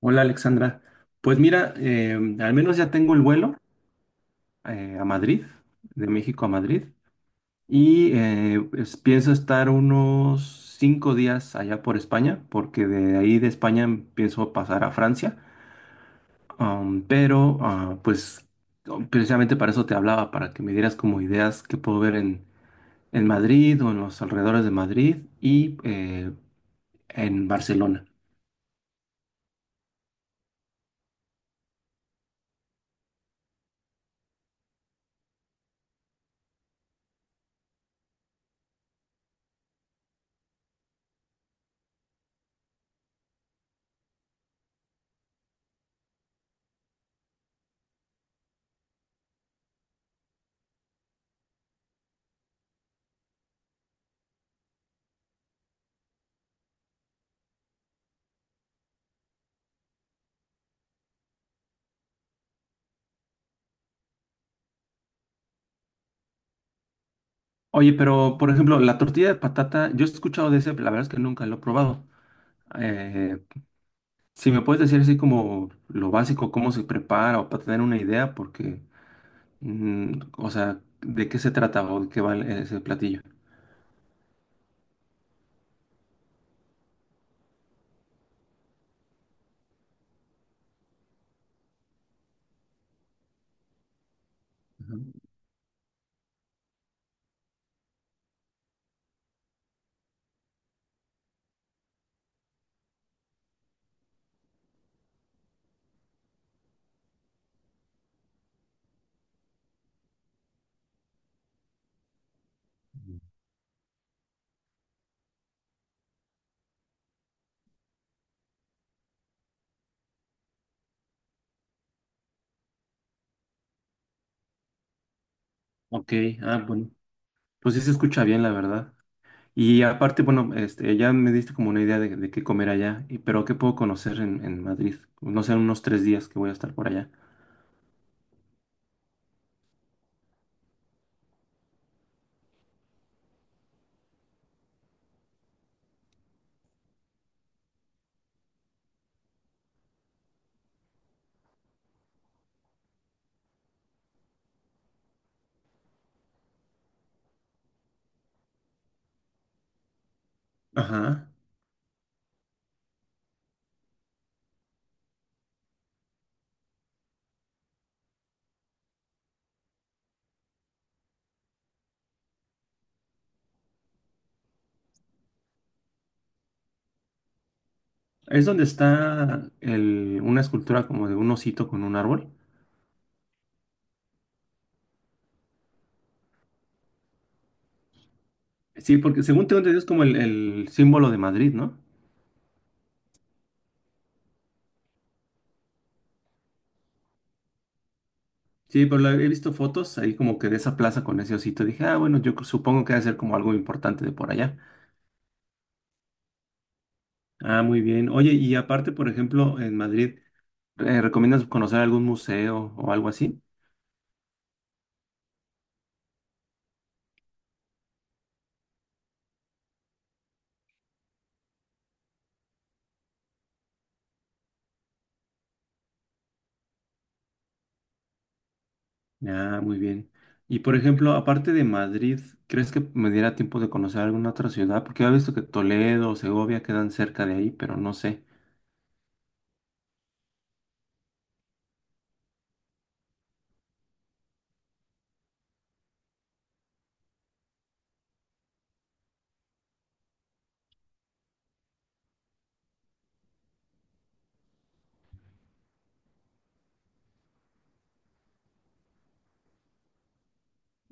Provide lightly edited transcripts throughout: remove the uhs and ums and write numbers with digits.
Hola Alexandra, pues mira, al menos ya tengo el vuelo a Madrid, de México a Madrid, y pues, pienso estar unos 5 días allá por España, porque de ahí de España pienso pasar a Francia. Am, pero ah, pues oh, Precisamente para eso te hablaba, para que me dieras como ideas que puedo ver en Madrid o en los alrededores de Madrid y en Barcelona. Oye, pero por ejemplo, la tortilla de patata, yo he escuchado de ese, pero la verdad es que nunca lo he probado. Eh, si me puedes decir así como lo básico, cómo se prepara o para tener una idea, porque o sea, ¿de qué se trata o de qué va ese platillo? Ujú. Ok, bueno, pues sí se escucha bien, la verdad. Y aparte, bueno, este, ya me diste como una idea de qué comer allá, pero ¿qué puedo conocer en Madrid? No sé, unos 3 días que voy a estar por allá. Ajá. Es donde está una escultura como de un osito con un árbol. Sí, porque según tengo entendido es como el símbolo de Madrid, ¿no? Sí, pero he visto fotos ahí como que de esa plaza con ese osito. Dije, ah, bueno, yo supongo que debe ser como algo importante de por allá. Ah, muy bien. Oye, y aparte, por ejemplo, en Madrid, ¿recomiendas conocer algún museo o algo así? Ah, muy bien. Y por ejemplo, aparte de Madrid, ¿crees que me diera tiempo de conocer alguna otra ciudad? Porque he visto que Toledo o Segovia quedan cerca de ahí, pero no sé.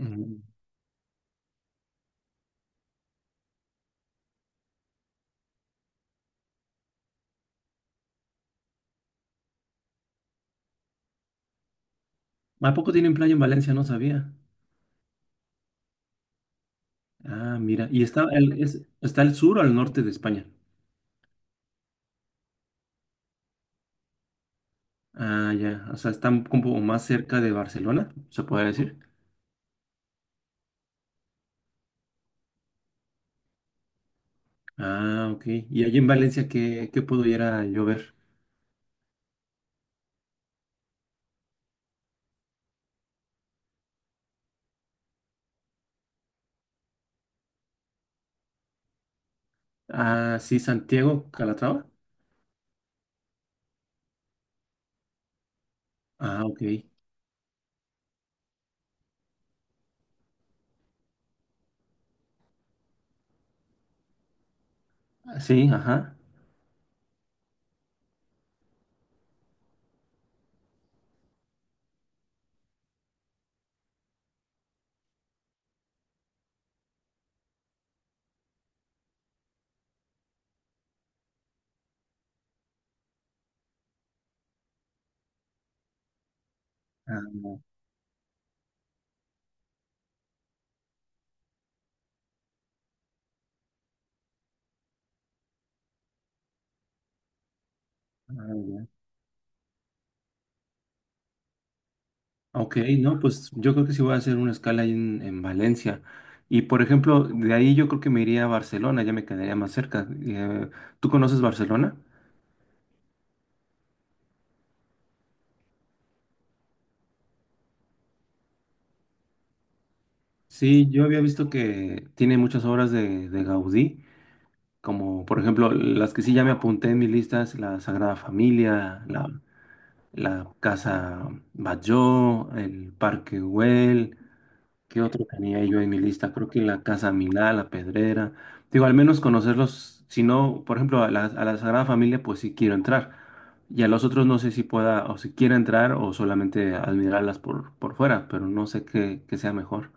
Mm. ¿A poco tienen playa en Valencia? No sabía. Ah, mira. ¿Y está el sur o al norte de España? Ah, ya. O sea, están como más cerca de Barcelona, se puede decir. Ah, ok. ¿Y allí en Valencia qué pudiera yo ver? Ah, sí, Santiago, Calatrava. Ah, ok. Ah, sí, ajá. Ah, no. Ah, ya. Ok, no, pues yo creo que sí voy a hacer una escala ahí en Valencia. Y por ejemplo, de ahí yo creo que me iría a Barcelona, ya me quedaría más cerca. ¿Tú conoces Barcelona? Sí, yo había visto que tiene muchas obras de Gaudí. Como por ejemplo, las que sí ya me apunté en mi lista es la Sagrada Familia, la Casa Batlló, el Parque Güell. ¿Qué otro tenía yo en mi lista? Creo que la Casa Milá, la Pedrera. Digo, al menos conocerlos. Si no, por ejemplo, a la Sagrada Familia, pues sí quiero entrar. Y a los otros no sé si pueda o si quiera entrar o solamente admirarlas por fuera, pero no sé qué sea mejor.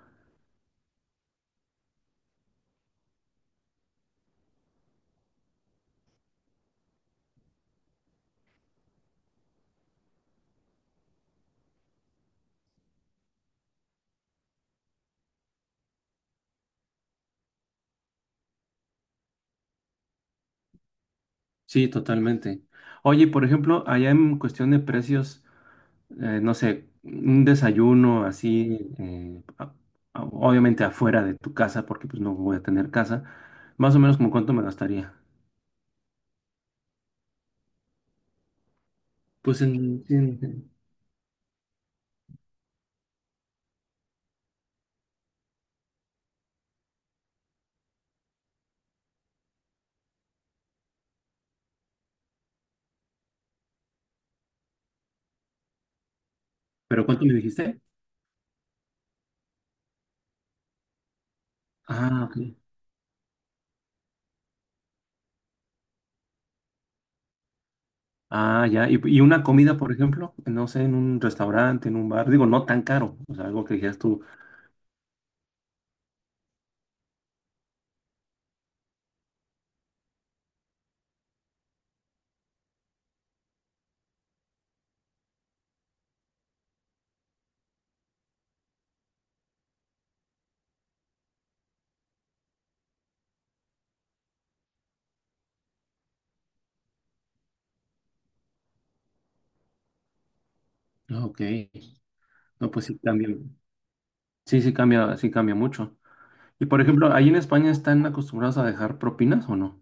Sí, totalmente. Oye, por ejemplo, allá en cuestión de precios. No sé, un desayuno así, obviamente afuera de tu casa, porque pues no voy a tener casa, más o menos como cuánto me gastaría. Pues, ¿pero cuánto me dijiste? Ah, ok. Ah, ya. ¿Y una comida, por ejemplo? No sé, en un restaurante, en un bar. Digo, no tan caro. O sea, algo que dijeras tú. Ah, ok. No, pues sí cambia. Sí, sí cambia mucho. Y por ejemplo, ¿ahí en España están acostumbrados a dejar propinas o no?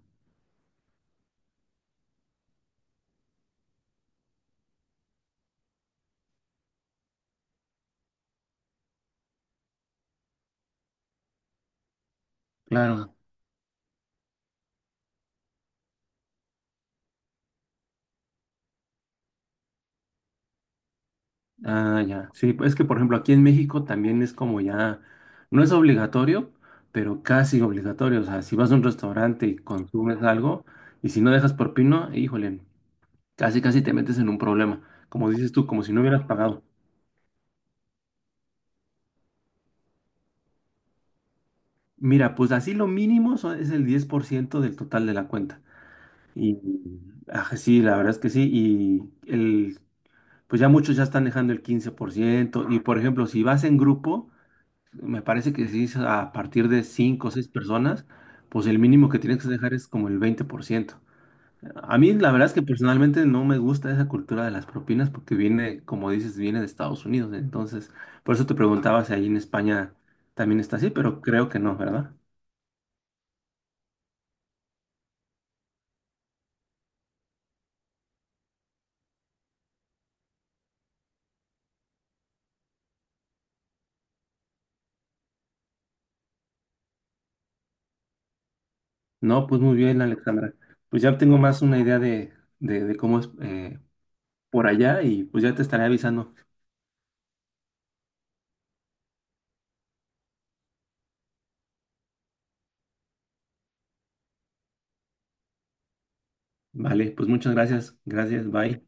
Claro. Ah, ya. Sí, pues es que por ejemplo aquí en México también es como ya, no es obligatorio, pero casi obligatorio. O sea, si vas a un restaurante y consumes algo, y si no dejas propina, híjole, casi casi te metes en un problema. Como dices tú, como si no hubieras pagado. Mira, pues así lo mínimo es el 10% del total de la cuenta. Y sí, la verdad es que sí. Y el, pues ya muchos ya están dejando el 15%. Y por ejemplo, si vas en grupo, me parece que si es a partir de 5 o 6 personas, pues el mínimo que tienes que dejar es como el 20%. A mí la verdad es que personalmente no me gusta esa cultura de las propinas porque viene, como dices, viene de Estados Unidos. Entonces, por eso te preguntaba si ahí en España también está así, pero creo que no, ¿verdad? No, pues muy bien, Alexandra. Pues ya tengo más una idea de cómo es por allá y pues ya te estaré avisando. Vale, pues muchas gracias. Gracias, bye.